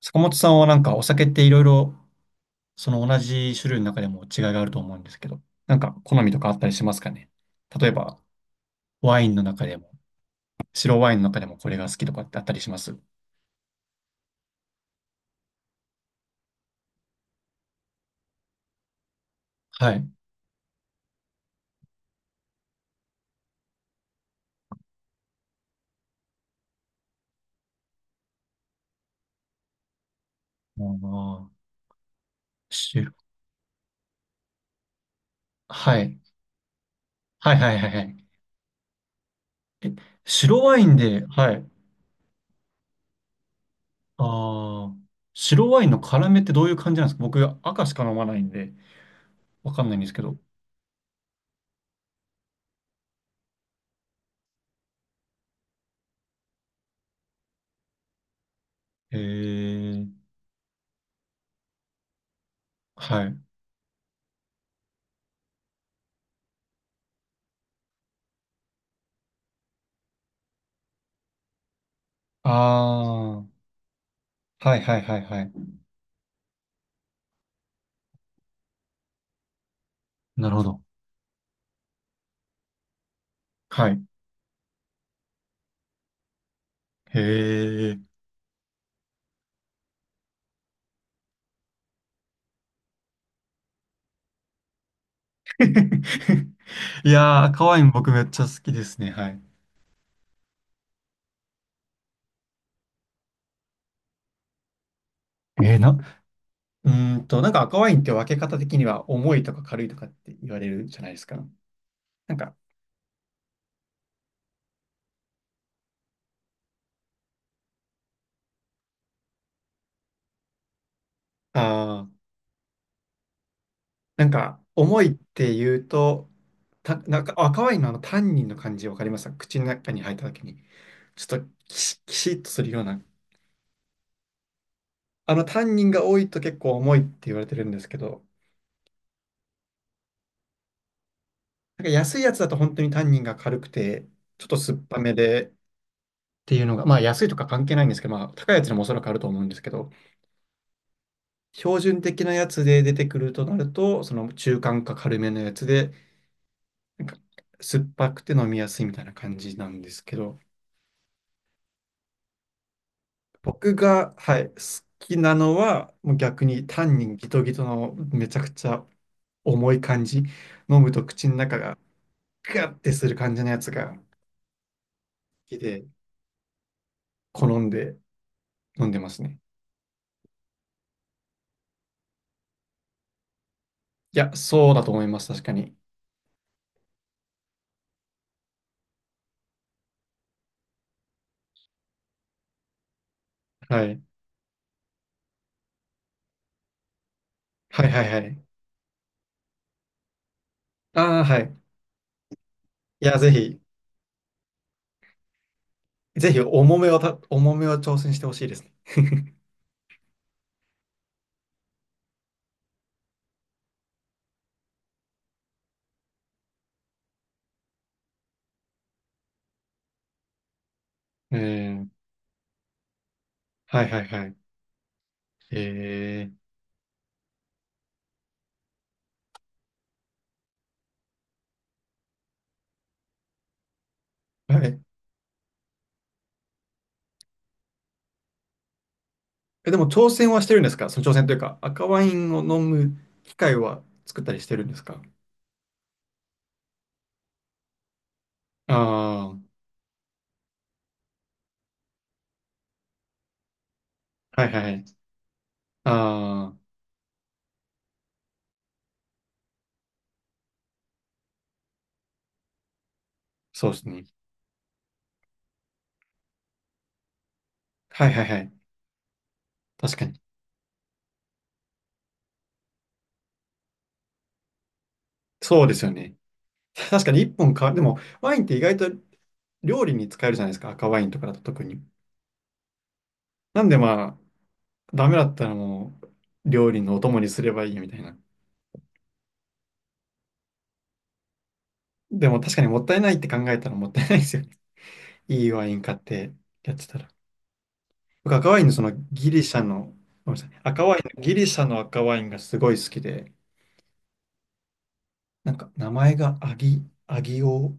坂本さんはなんかお酒っていろいろ、その同じ種類の中でも違いがあると思うんですけど、なんか好みとかあったりしますかね？例えばワインの中でも、白ワインの中でもこれが好きとかってあったりします？はい。ああ、白、はい。はいはいはいはい。白ワインで、はい。ああ、白ワインの辛めってどういう感じなんですか？僕赤しか飲まないんで、わかんないんですけど。へえ、はい。ああ、はいはいはいはい。なるほど。はい。へえ。いやー、赤ワイン僕めっちゃ好きですね。はい。えー、な、うーんと、なんか赤ワインって分け方的には重いとか軽いとかって言われるじゃないですか。なんか、あー、なんか重いって言うと、なんか赤ワインのあのタンニンの感じ分かりますか？口の中に入った時に、ちょっとキシッとするような。あのタンニンが多いと結構重いって言われてるんですけど、なんか安いやつだと本当にタンニンが軽くて、ちょっと酸っぱめで、っていうのが、まあ安いとか関係ないんですけど、まあ高いやつにもおそらくあると思うんですけど、標準的なやつで出てくるとなると、その中間か軽めのやつで、なんか酸っぱくて飲みやすいみたいな感じなんですけど、僕が、はい、好きなのは、もう逆に単にギトギトのめちゃくちゃ重い感じ、飲むと口の中がガッてする感じのやつが好きで、好んで飲んでますね。いや、そうだと思います、確かに。はい。はいはいはい。ああ、はい。いや、ぜひ。ぜひ重めを重めを挑戦してほしいですね。ええはいはいはい。ええはい。え、でも挑戦はしてるんですか？その挑戦というか、赤ワインを飲む機会は作ったりしてるんですか？ああー、はいはいはい。ああ、そうですね。はいはいはい。確かに。そうですよね。確かに一本か、でもワインって意外と料理に使えるじゃないですか。赤ワインとかだと特に。なんでまあ、ダメだったらもう料理のお供にすればいいみたいな。でも確かにもったいないって考えたらもったいないですよね。いいワイン買ってやってたら。僕赤ワインのそのギリシャの、ごめんなさい、赤ワイン、ギリシャの赤ワインがすごい好きで、なんか名前が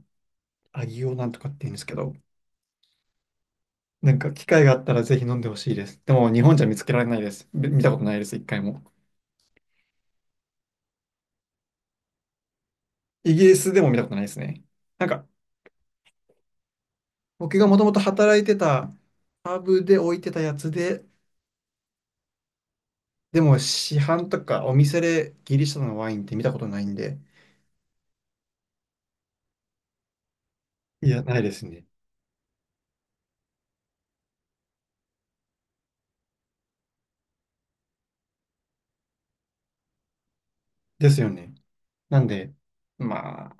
アギオなんとかって言うんですけど、なんか機会があったらぜひ飲んでほしいです。でも日本じゃ見つけられないです。見たことないです、一回も。イギリスでも見たことないですね。なんか僕がもともと働いてたパブで置いてたやつで、でも市販とかお店でギリシャのワインって見たことないんで、いや、ないですね。ですよね。なんで、まあ、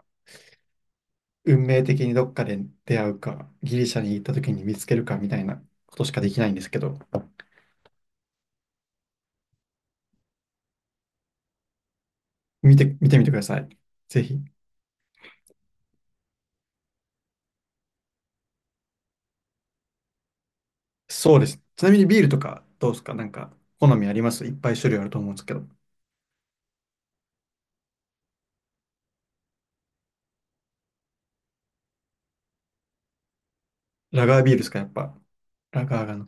運命的にどっかで出会うか、ギリシャに行った時に見つけるかみたいなことしかできないんですけど、見てみてください。ぜひ。そうです。ちなみにビールとかどうですか？なんか、好みあります？いっぱい種類あると思うんですけど。ラガービールですかやっぱ。ラガーがの。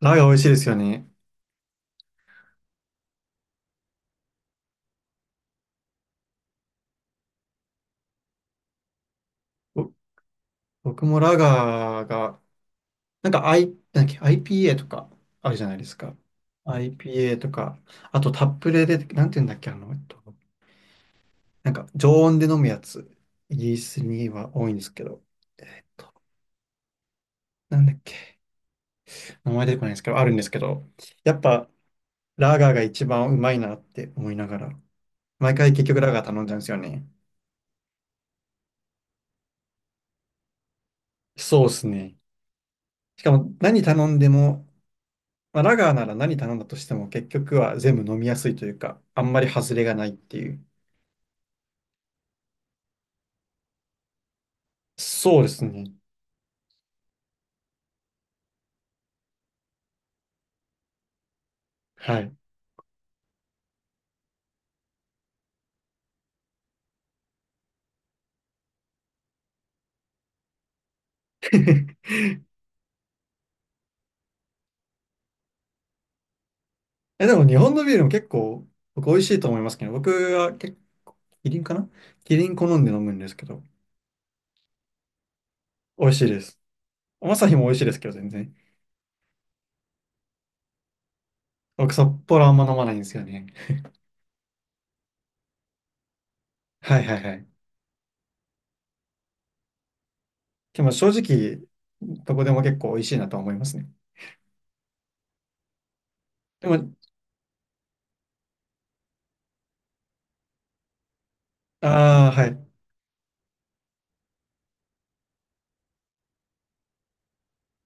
ラガー美味しいですよね。ぼ僕もラガーが、なんか、なんだっけ、IPA とかあるじゃないですか。IPA とか、あとタップレで、なんて言うんだっけ、なんか常温で飲むやつ、イギリスには多いんですけど、なんだっけ、名前出てこないんですけど、あるんですけど、やっぱラガーが一番うまいなって思いながら、毎回結局ラガー頼んじゃうんですよね。そうですね。しかも何頼んでも、まあ、ラガーなら何頼んだとしても結局は全部飲みやすいというか、あんまり外れがないっていう。そうですね。はい。え、でも日本のビールも結構僕美味しいと思いますけど、僕は結構、キリンかなキリン好んで飲むんですけど、美味しいです。アサヒも美味しいですけど、全然。僕、札幌あんま飲まないんですよね。はいはいはい。でも正直、どこでも結構美味しいなとは思いますね。でも、ああ、はい。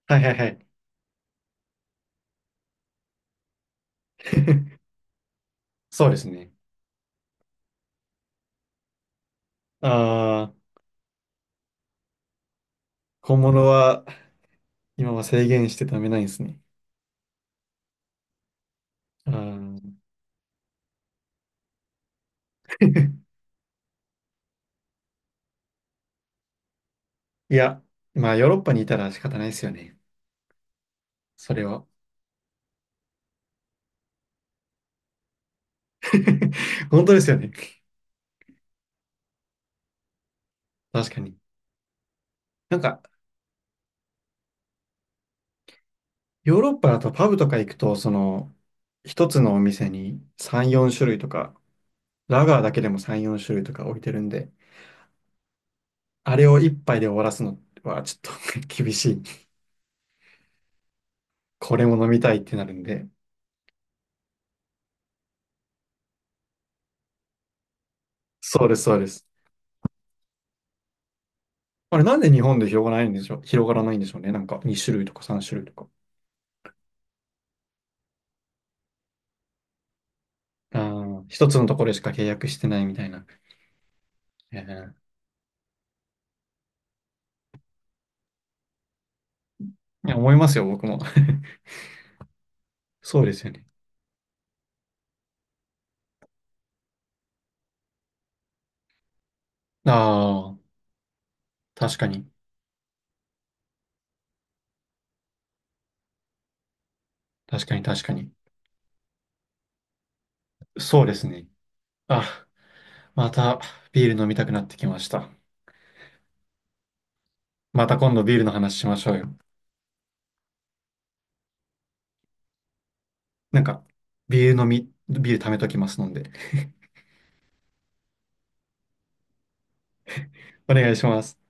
はいはいはい。そうですね。ああ、小物は今は制限して食べないんですね。あー いや、まあヨーロッパにいたら仕方ないですよね。それは。本当ですよね。確かに。なんか、ヨーロッパだとパブとか行くと、その、一つのお店に3、4種類とかラガーだけでも3、4種類とか置いてるんで、あれを1杯で終わらすのはちょっと 厳しい。これも飲みたいってなるんで。そうです、そうです。あれなんで日本で広がらないんでしょう、広がらないんでしょうね。なんか2種類とか3種類とか。ああ、一つのところしか契約してないみたいな。えーいや、思いますよ、僕も。そうですよね。ああ、確かに。確かに、確かに。そうですね。あ、またビール飲みたくなってきました。また今度ビールの話しましょうよ。なんか、ビール貯めときますので、お願いします。